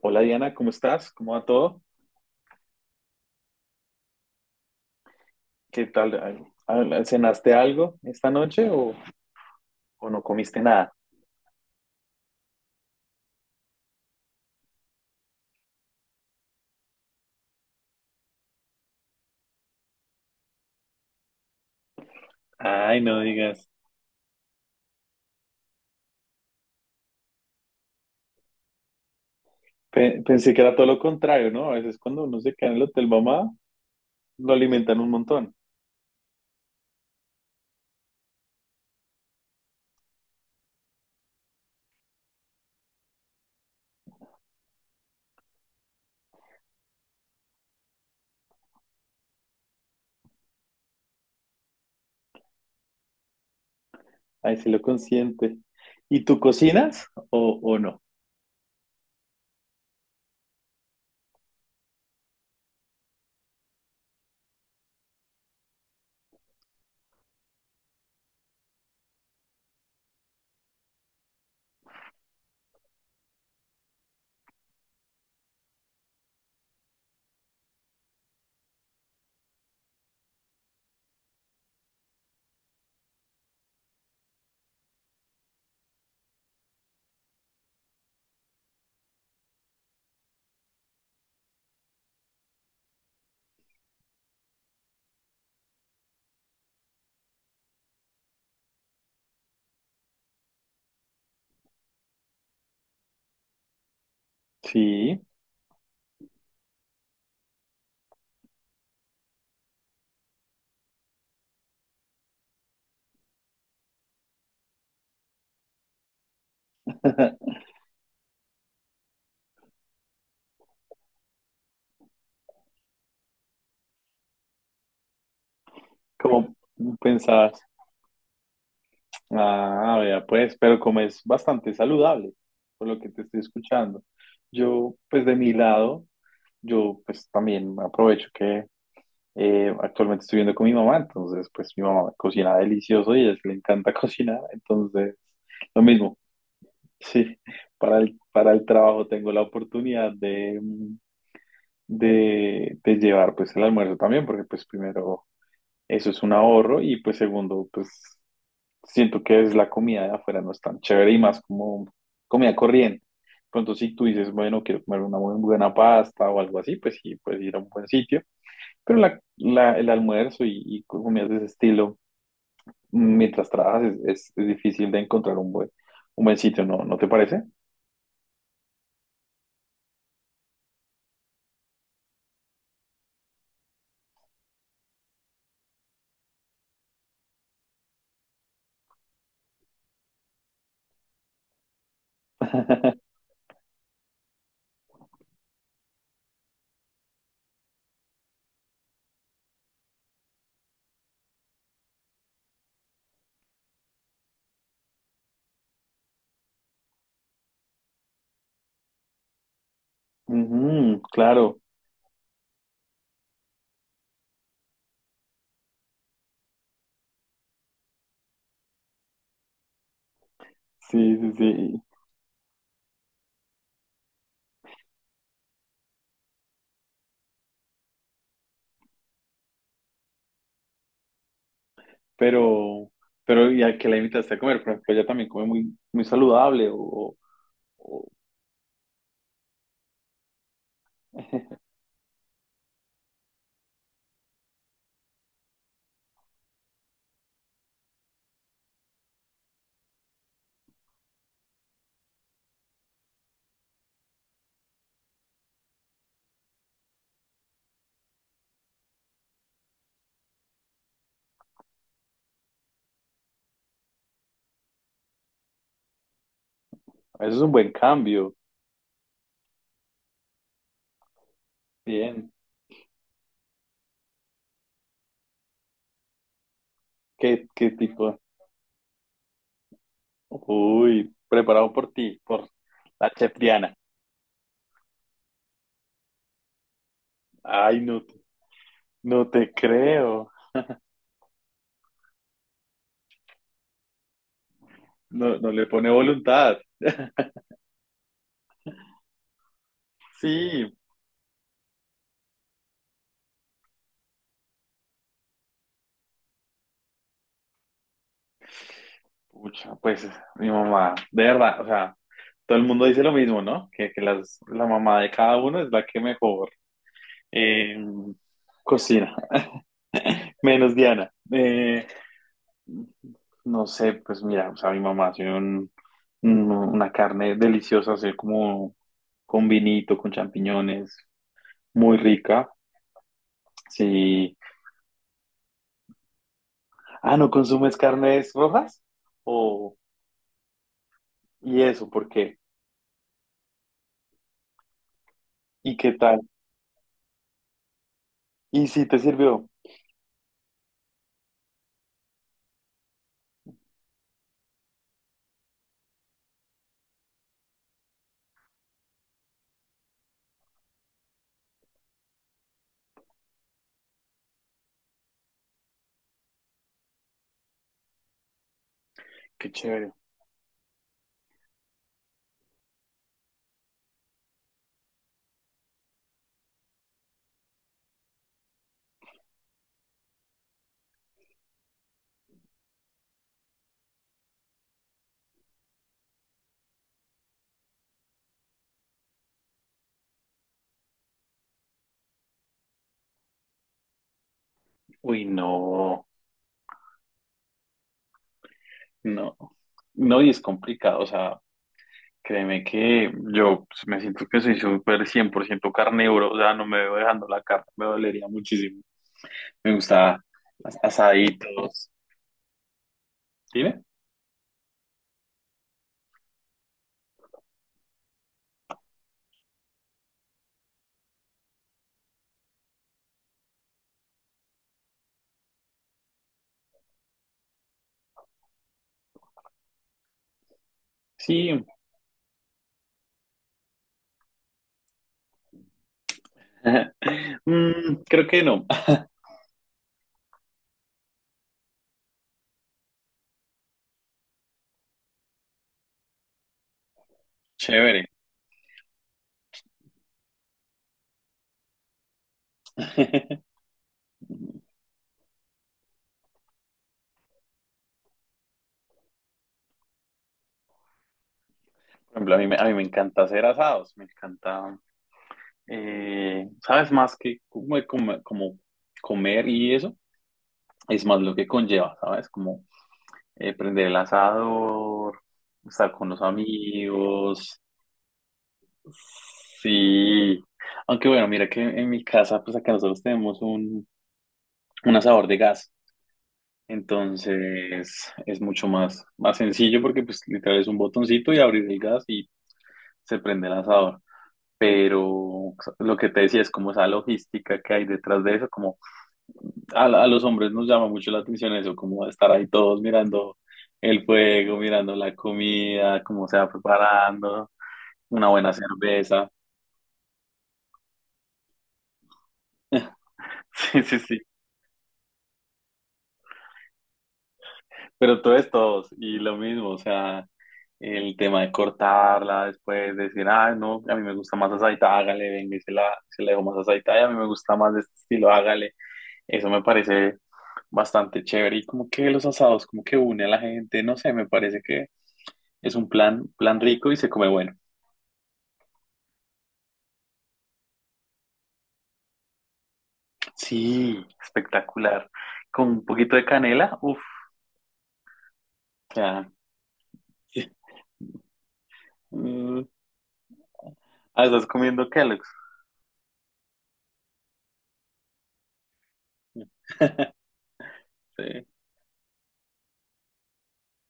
Hola Diana, ¿cómo estás? ¿Cómo va todo? ¿Qué tal? ¿Cenaste algo esta noche o no comiste nada? Ay, no digas. Pensé que era todo lo contrario, ¿no? A veces cuando uno se queda en el hotel mamá, lo alimentan un montón. Ahí sí lo consiente. ¿Y tú cocinas o no? Sí, como pensabas. Ah, vea, pues, pero como es bastante saludable, por lo que te estoy escuchando. Yo, pues de mi lado, yo pues también aprovecho que actualmente estoy viviendo con mi mamá, entonces pues mi mamá cocina delicioso y a ella le encanta cocinar, entonces lo mismo, sí, para el trabajo tengo la oportunidad de llevar pues el almuerzo también, porque pues primero eso es un ahorro y pues segundo pues siento que es la comida de afuera no es tan chévere y más como comida corriente. Pronto si tú dices, bueno, quiero comer una muy buena pasta o algo así, pues sí, puedes ir a un buen sitio, pero la, el almuerzo y comidas de ese estilo, mientras trabajas, es difícil de encontrar un buen sitio, ¿no? ¿No te parece? Ujú, claro, sí, sí, sí. Pero, pero ¿y a qué la invitaste a comer? Por ejemplo, ella también come muy, muy saludable o- Eso es un buen cambio. Bien. ¿Qué tipo? Uy, preparado por ti, por la chef Diana. Ay, no, no te creo. No, no le pone voluntad. Sí, pucha, pues mi mamá, de verdad, o sea, todo el mundo dice lo mismo, ¿no? Que la mamá de cada uno es la que mejor eh, cocina, menos Diana. No sé, pues mira, o sea, mi mamá hace una carne deliciosa, así como con vinito, con champiñones, muy rica. Sí. Ah, ¿no consumes carnes rojas? ¿Y eso por qué? ¿Y qué tal? ¿Y si te sirvió? Qué chévere. Uy, no, no. No, y es complicado. O sea, créeme que yo pues, me siento que soy súper 100% carnívoro. O sea, no me veo dejando la carne, me dolería muchísimo. Me gusta asaditos. Dime. Sí. Creo que no. Chévere. Por ejemplo, a mí, a mí me encanta hacer asados. Me encanta. Sabes más que como, comer y eso, es más lo que conlleva, ¿sabes? Como prender el asador, estar con los amigos, sí. Aunque bueno, mira que en mi casa, pues acá nosotros tenemos un asador de gas, entonces es mucho más, más sencillo porque pues literal es un botoncito y abrir el gas y se prende el asador. Pero lo que te decía es como esa logística que hay detrás de eso, como a los hombres nos llama mucho la atención eso, como estar ahí todos mirando el fuego, mirando la comida, cómo se va preparando, una buena cerveza. Sí, sí, sí. Pero todo es todos. Y lo mismo, o sea, el tema de cortarla después, decir, ah, no, a mí me gusta más asadita, hágale, venga, y se la dejo más asadita y a mí me gusta más de este estilo, hágale. Eso me parece bastante chévere y como que los asados, como que une a la gente, no sé, me parece que es un plan, plan rico y se come bueno. Sí, espectacular. Con un poquito de canela, uff, ya. Mm, ah, estás comiendo Kellogg's. Sí,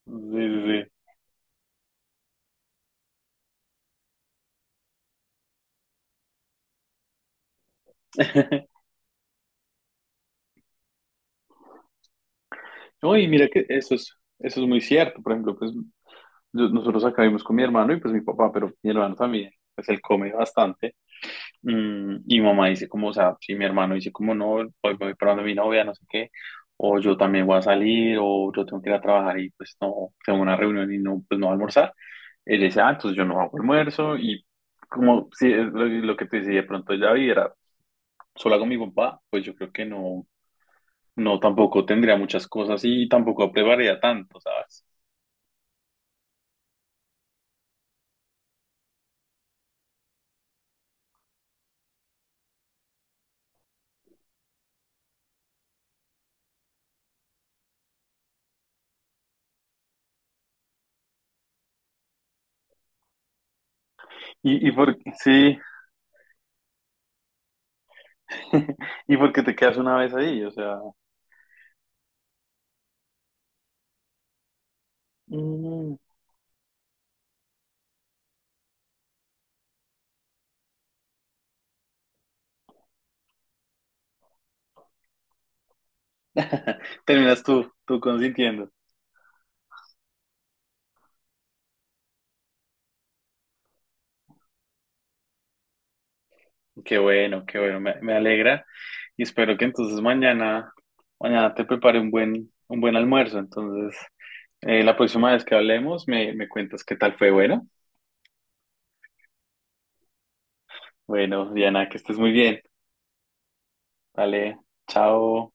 sí, sí, sí. No, y mira que eso es muy cierto. Por ejemplo, pues nosotros acá vivimos con mi hermano y pues mi papá, pero mi hermano también, pues él come bastante. Y mamá dice como, o sea, si mi hermano dice como no, hoy me voy para donde mi novia, no sé qué, o yo también voy a salir, o yo tengo que ir a trabajar y pues no, tengo una reunión y no, pues no voy a almorzar, él dice, ah, entonces yo no hago almuerzo y como si es lo, que te decía, de pronto ya viviera sola con mi papá, pues yo creo que no, no tampoco tendría muchas cosas y tampoco prepararía tanto, ¿sabes? Y por, sí, y porque te quedas una vez ahí, o sea, mm, terminas tú, consintiendo. Qué bueno, me alegra y espero que entonces mañana, te prepare un buen almuerzo. Entonces, la próxima vez que hablemos, me cuentas qué tal fue. Bueno, bueno, Diana, que estés muy bien. Vale, chao.